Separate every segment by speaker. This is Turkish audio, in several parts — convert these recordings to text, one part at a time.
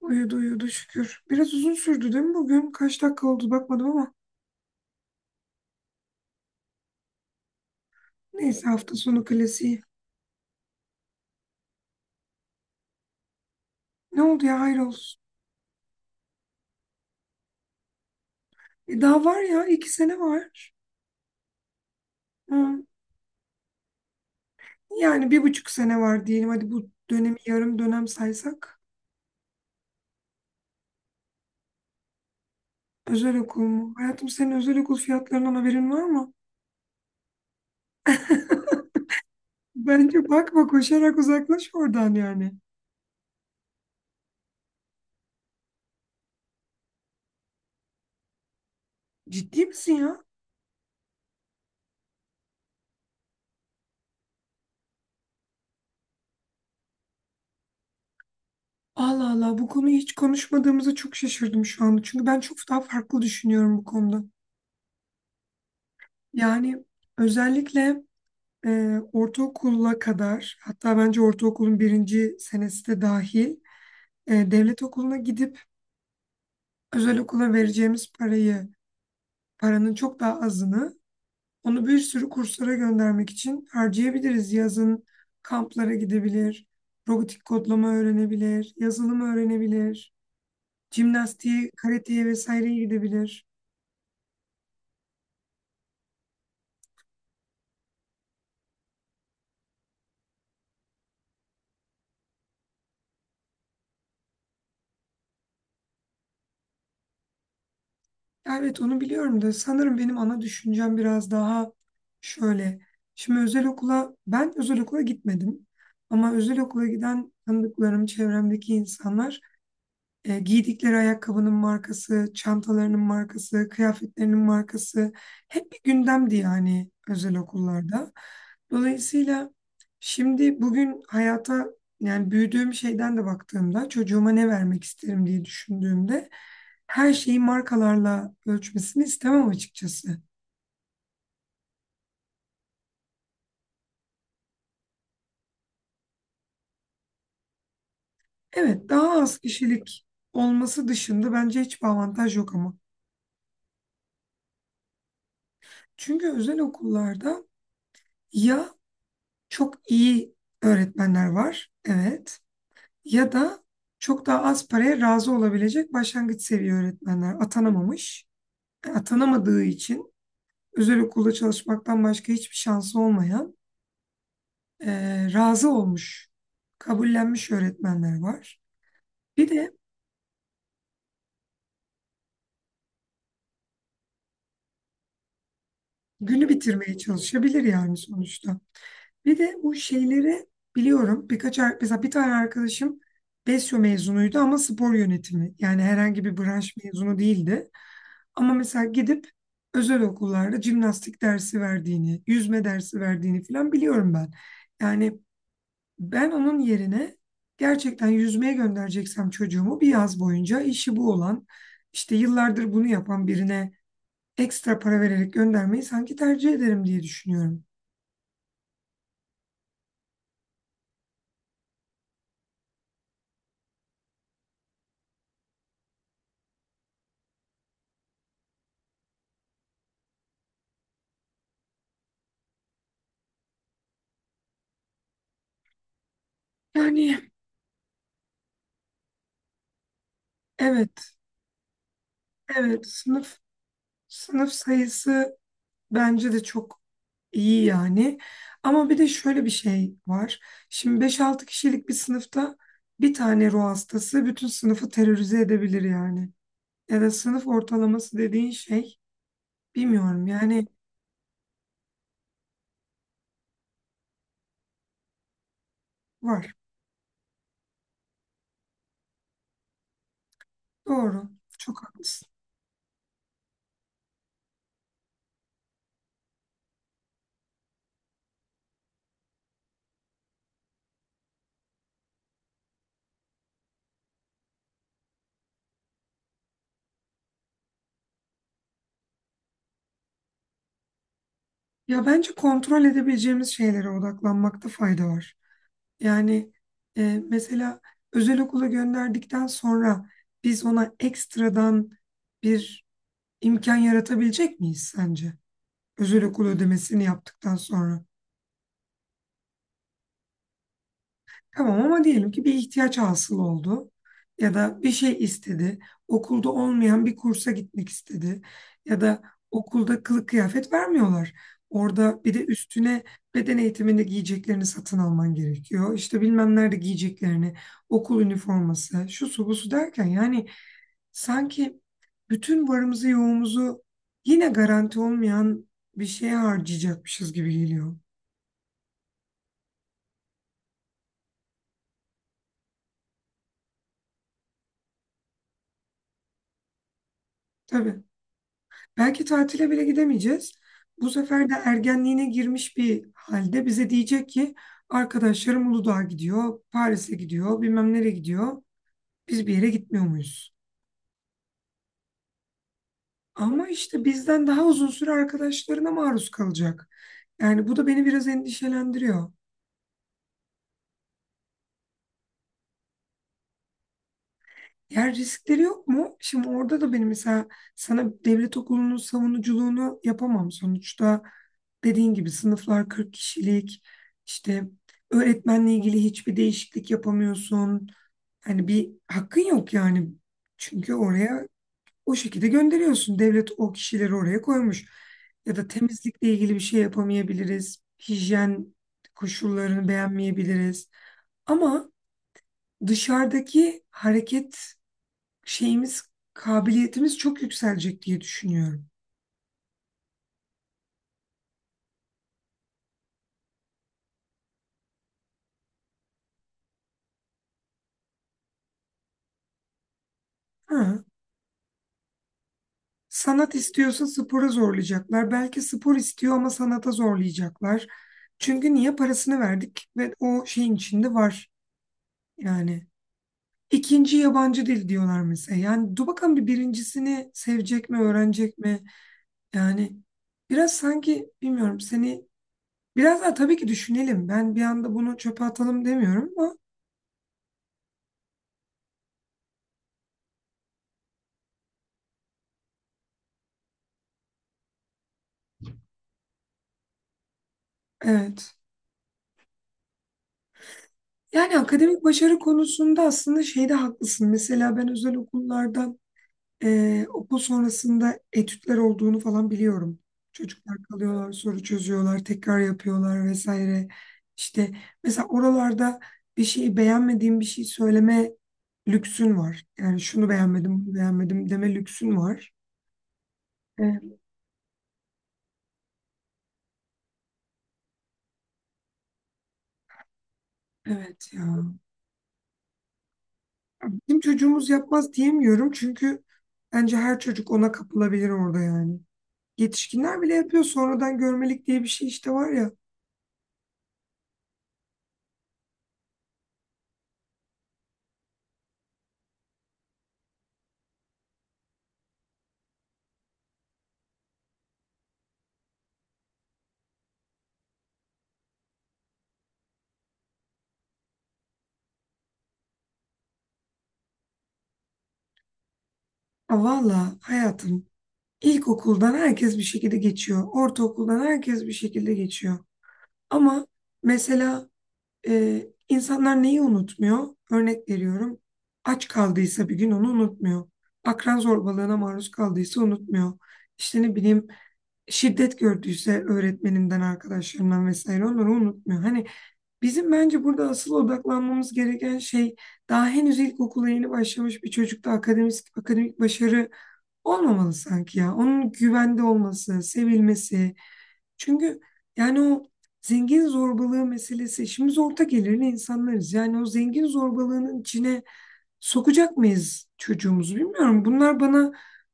Speaker 1: Uyudu uyudu şükür. Biraz uzun sürdü değil mi bugün? Kaç dakika oldu bakmadım ama. Neyse hafta sonu klasiği. Ne oldu ya hayrolsun. E daha var ya 2 sene var. Hı, Yani 1,5 sene var diyelim. Hadi bu dönemi yarım dönem saysak. Özel okul mu? Hayatım senin özel okul fiyatlarından haberin var mı? Bence bakma koşarak uzaklaş oradan yani. Ciddi misin ya? Allah Allah bu konuyu hiç konuşmadığımıza çok şaşırdım şu anda. Çünkü ben çok daha farklı düşünüyorum bu konuda. Yani özellikle ortaokula kadar hatta bence ortaokulun birinci senesi de dahil devlet okuluna gidip özel okula vereceğimiz parayı paranın çok daha azını onu bir sürü kurslara göndermek için harcayabiliriz. Yazın kamplara gidebilir, robotik kodlama öğrenebilir, yazılım öğrenebilir, jimnastiğe, karateye vesaireye gidebilir. Ya evet, onu biliyorum da sanırım benim ana düşüncem biraz daha şöyle. Şimdi özel okula ben özel okula gitmedim ama özel okula giden tanıdıklarım, çevremdeki insanlar giydikleri ayakkabının markası, çantalarının markası, kıyafetlerinin markası hep bir gündemdi yani özel okullarda. Dolayısıyla şimdi bugün hayata yani büyüdüğüm şeyden de baktığımda çocuğuma ne vermek isterim diye düşündüğümde her şeyi markalarla ölçmesini istemem açıkçası. Evet daha az kişilik olması dışında bence hiçbir avantaj yok ama. Çünkü özel okullarda ya çok iyi öğretmenler var. Evet. Ya da çok daha az paraya razı olabilecek başlangıç seviye öğretmenler atanamamış. Atanamadığı için özel okulda çalışmaktan başka hiçbir şansı olmayan razı olmuş, kabullenmiş öğretmenler var. Bir de günü bitirmeye çalışabilir yani sonuçta. Bir de bu şeyleri biliyorum. Mesela bir tane arkadaşım Besyo mezunuydu ama spor yönetimi. Yani herhangi bir branş mezunu değildi. Ama mesela gidip özel okullarda jimnastik dersi verdiğini, yüzme dersi verdiğini falan biliyorum ben. Yani ben onun yerine gerçekten yüzmeye göndereceksem çocuğumu bir yaz boyunca işi bu olan, işte yıllardır bunu yapan birine ekstra para vererek göndermeyi sanki tercih ederim diye düşünüyorum. Yani evet, evet sınıf sayısı bence de çok İyi yani. Ama bir de şöyle bir şey var. Şimdi 5-6 kişilik bir sınıfta bir tane ruh hastası bütün sınıfı terörize edebilir yani. Ya da sınıf ortalaması dediğin şey bilmiyorum yani var. Doğru. Çok haklısın. Ya bence kontrol edebileceğimiz şeylere odaklanmakta fayda var. Yani mesela özel okula gönderdikten sonra biz ona ekstradan bir imkan yaratabilecek miyiz sence? Özel okul ödemesini yaptıktan sonra. Tamam ama diyelim ki bir ihtiyaç hasıl oldu ya da bir şey istedi. Okulda olmayan bir kursa gitmek istedi ya da okulda kılık kıyafet vermiyorlar. Orada bir de üstüne beden eğitiminde giyeceklerini satın alman gerekiyor. İşte bilmem nerede giyeceklerini, okul üniforması, şu su bu su derken yani sanki bütün varımızı yoğumuzu yine garanti olmayan bir şeye harcayacakmışız gibi geliyor. Tabii. Belki tatile bile gidemeyeceğiz. Bu sefer de ergenliğine girmiş bir halde bize diyecek ki arkadaşlarım Uludağ'a gidiyor, Paris'e gidiyor, bilmem nereye gidiyor. Biz bir yere gitmiyor muyuz? Ama işte bizden daha uzun süre arkadaşlarına maruz kalacak. Yani bu da beni biraz endişelendiriyor. Yer riskleri yok mu? Şimdi orada da benim mesela sana devlet okulunun savunuculuğunu yapamam sonuçta. Dediğin gibi sınıflar 40 kişilik. İşte öğretmenle ilgili hiçbir değişiklik yapamıyorsun. Hani bir hakkın yok yani. Çünkü oraya o şekilde gönderiyorsun. Devlet o kişileri oraya koymuş. Ya da temizlikle ilgili bir şey yapamayabiliriz. Hijyen koşullarını beğenmeyebiliriz. Ama dışarıdaki hareket şeyimiz, kabiliyetimiz çok yükselecek diye düşünüyorum. Ha. Sanat istiyorsa spora zorlayacaklar. Belki spor istiyor ama sanata zorlayacaklar. Çünkü niye parasını verdik ve o şeyin içinde var yani. İkinci yabancı dil diyorlar mesela. Yani dur bakalım bir birincisini sevecek mi, öğrenecek mi? Yani biraz sanki bilmiyorum seni biraz daha tabii ki düşünelim. Ben bir anda bunu çöpe atalım demiyorum ama evet. Yani akademik başarı konusunda aslında şeyde haklısın. Mesela ben özel okullarda okul sonrasında etütler olduğunu falan biliyorum. Çocuklar kalıyorlar, soru çözüyorlar, tekrar yapıyorlar vesaire. İşte mesela oralarda bir şeyi beğenmediğim bir şey söyleme lüksün var. Yani şunu beğenmedim, bunu beğenmedim deme lüksün var. Evet, evet ya. Bizim çocuğumuz yapmaz diyemiyorum çünkü bence her çocuk ona kapılabilir orada yani. Yetişkinler bile yapıyor. Sonradan görmelik diye bir şey işte var ya. Ya valla hayatım ilkokuldan herkes bir şekilde geçiyor. Ortaokuldan herkes bir şekilde geçiyor. Ama mesela insanlar neyi unutmuyor? Örnek veriyorum. Aç kaldıysa bir gün onu unutmuyor. Akran zorbalığına maruz kaldıysa unutmuyor. İşte ne bileyim şiddet gördüyse öğretmeninden, arkadaşlarından vesaire onları unutmuyor. Hani bizim bence burada asıl odaklanmamız gereken şey daha henüz ilkokula yeni başlamış bir çocukta akademik başarı olmamalı sanki ya. Onun güvende olması, sevilmesi. Çünkü yani o zengin zorbalığı meselesi. İşimiz orta gelirli insanlarız. Yani o zengin zorbalığının içine sokacak mıyız çocuğumuzu bilmiyorum. Bunlar bana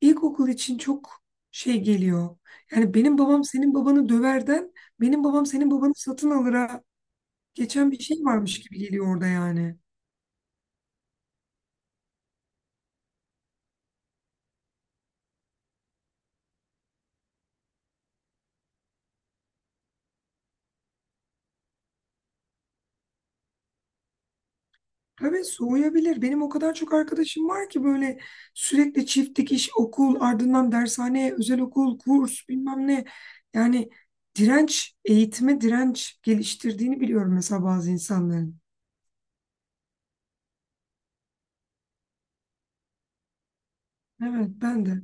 Speaker 1: ilkokul için çok şey geliyor. Yani benim babam senin babanı döverden benim babam senin babanı satın alıra geçen bir şey varmış gibi geliyor orada yani. Tabii soğuyabilir. Benim o kadar çok arkadaşım var ki böyle sürekli çift dikiş, okul, ardından dershane, özel okul, kurs bilmem ne. Yani direnç, eğitime direnç geliştirdiğini biliyorum mesela bazı insanların. Evet, ben de.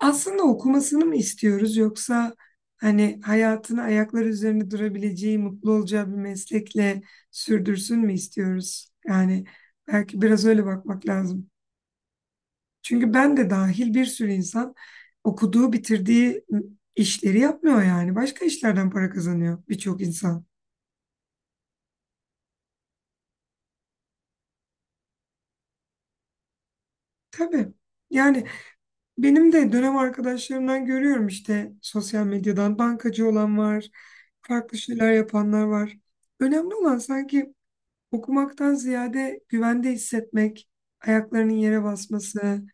Speaker 1: Aslında okumasını mı istiyoruz yoksa hani hayatını ayakları üzerinde durabileceği, mutlu olacağı bir meslekle sürdürsün mü istiyoruz? Yani belki biraz öyle bakmak lazım. Çünkü ben de dahil bir sürü insan okuduğu, bitirdiği işleri yapmıyor yani. Başka işlerden para kazanıyor birçok insan. Tabii. Yani benim de dönem arkadaşlarımdan görüyorum işte sosyal medyadan bankacı olan var, farklı şeyler yapanlar var. Önemli olan sanki okumaktan ziyade güvende hissetmek, ayaklarının yere basması,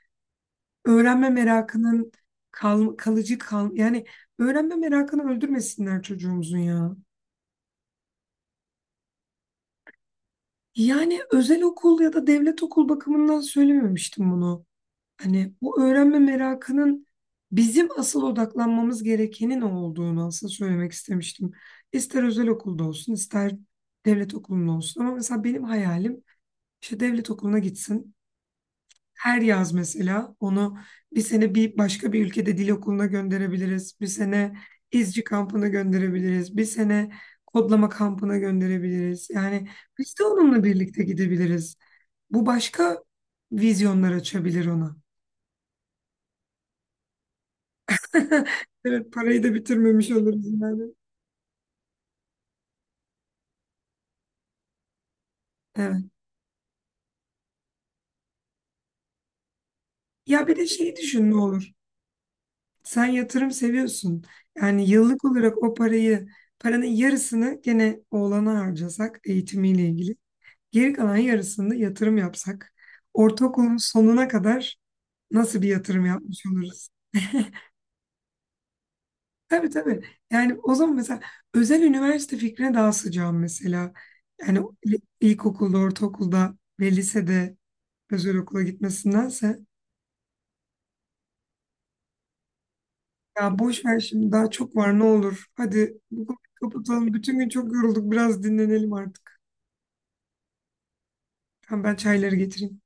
Speaker 1: öğrenme merakının kalıcı kal yani öğrenme merakını öldürmesinler çocuğumuzun ya. Yani özel okul ya da devlet okul bakımından söylememiştim bunu. Hani bu öğrenme merakının bizim asıl odaklanmamız gerekenin o olduğunu aslında söylemek istemiştim. İster özel okulda olsun, ister devlet okulunda olsun. Ama mesela benim hayalim işte devlet okuluna gitsin. Her yaz mesela onu bir sene bir başka bir ülkede dil okuluna gönderebiliriz. Bir sene izci kampına gönderebiliriz. Bir sene kodlama kampına gönderebiliriz. Yani biz de onunla birlikte gidebiliriz. Bu başka vizyonlar açabilir ona. Evet, parayı da bitirmemiş oluruz yani. Evet. Ya bir de şeyi düşün ne olur. Sen yatırım seviyorsun. Yani yıllık olarak o parayı, paranın yarısını gene oğlana harcasak eğitimiyle ilgili. Geri kalan yarısında yatırım yapsak, ortaokulun sonuna kadar nasıl bir yatırım yapmış oluruz? Tabii tabii. Yani o zaman mesela özel üniversite fikrine daha sıcağım mesela. Yani ilkokulda, ortaokulda ve lisede özel okula gitmesindense ya boş ver şimdi daha çok var ne olur. Hadi bu konuyu kapatalım. Bütün gün çok yorulduk. Biraz dinlenelim artık. Tamam ben çayları getireyim.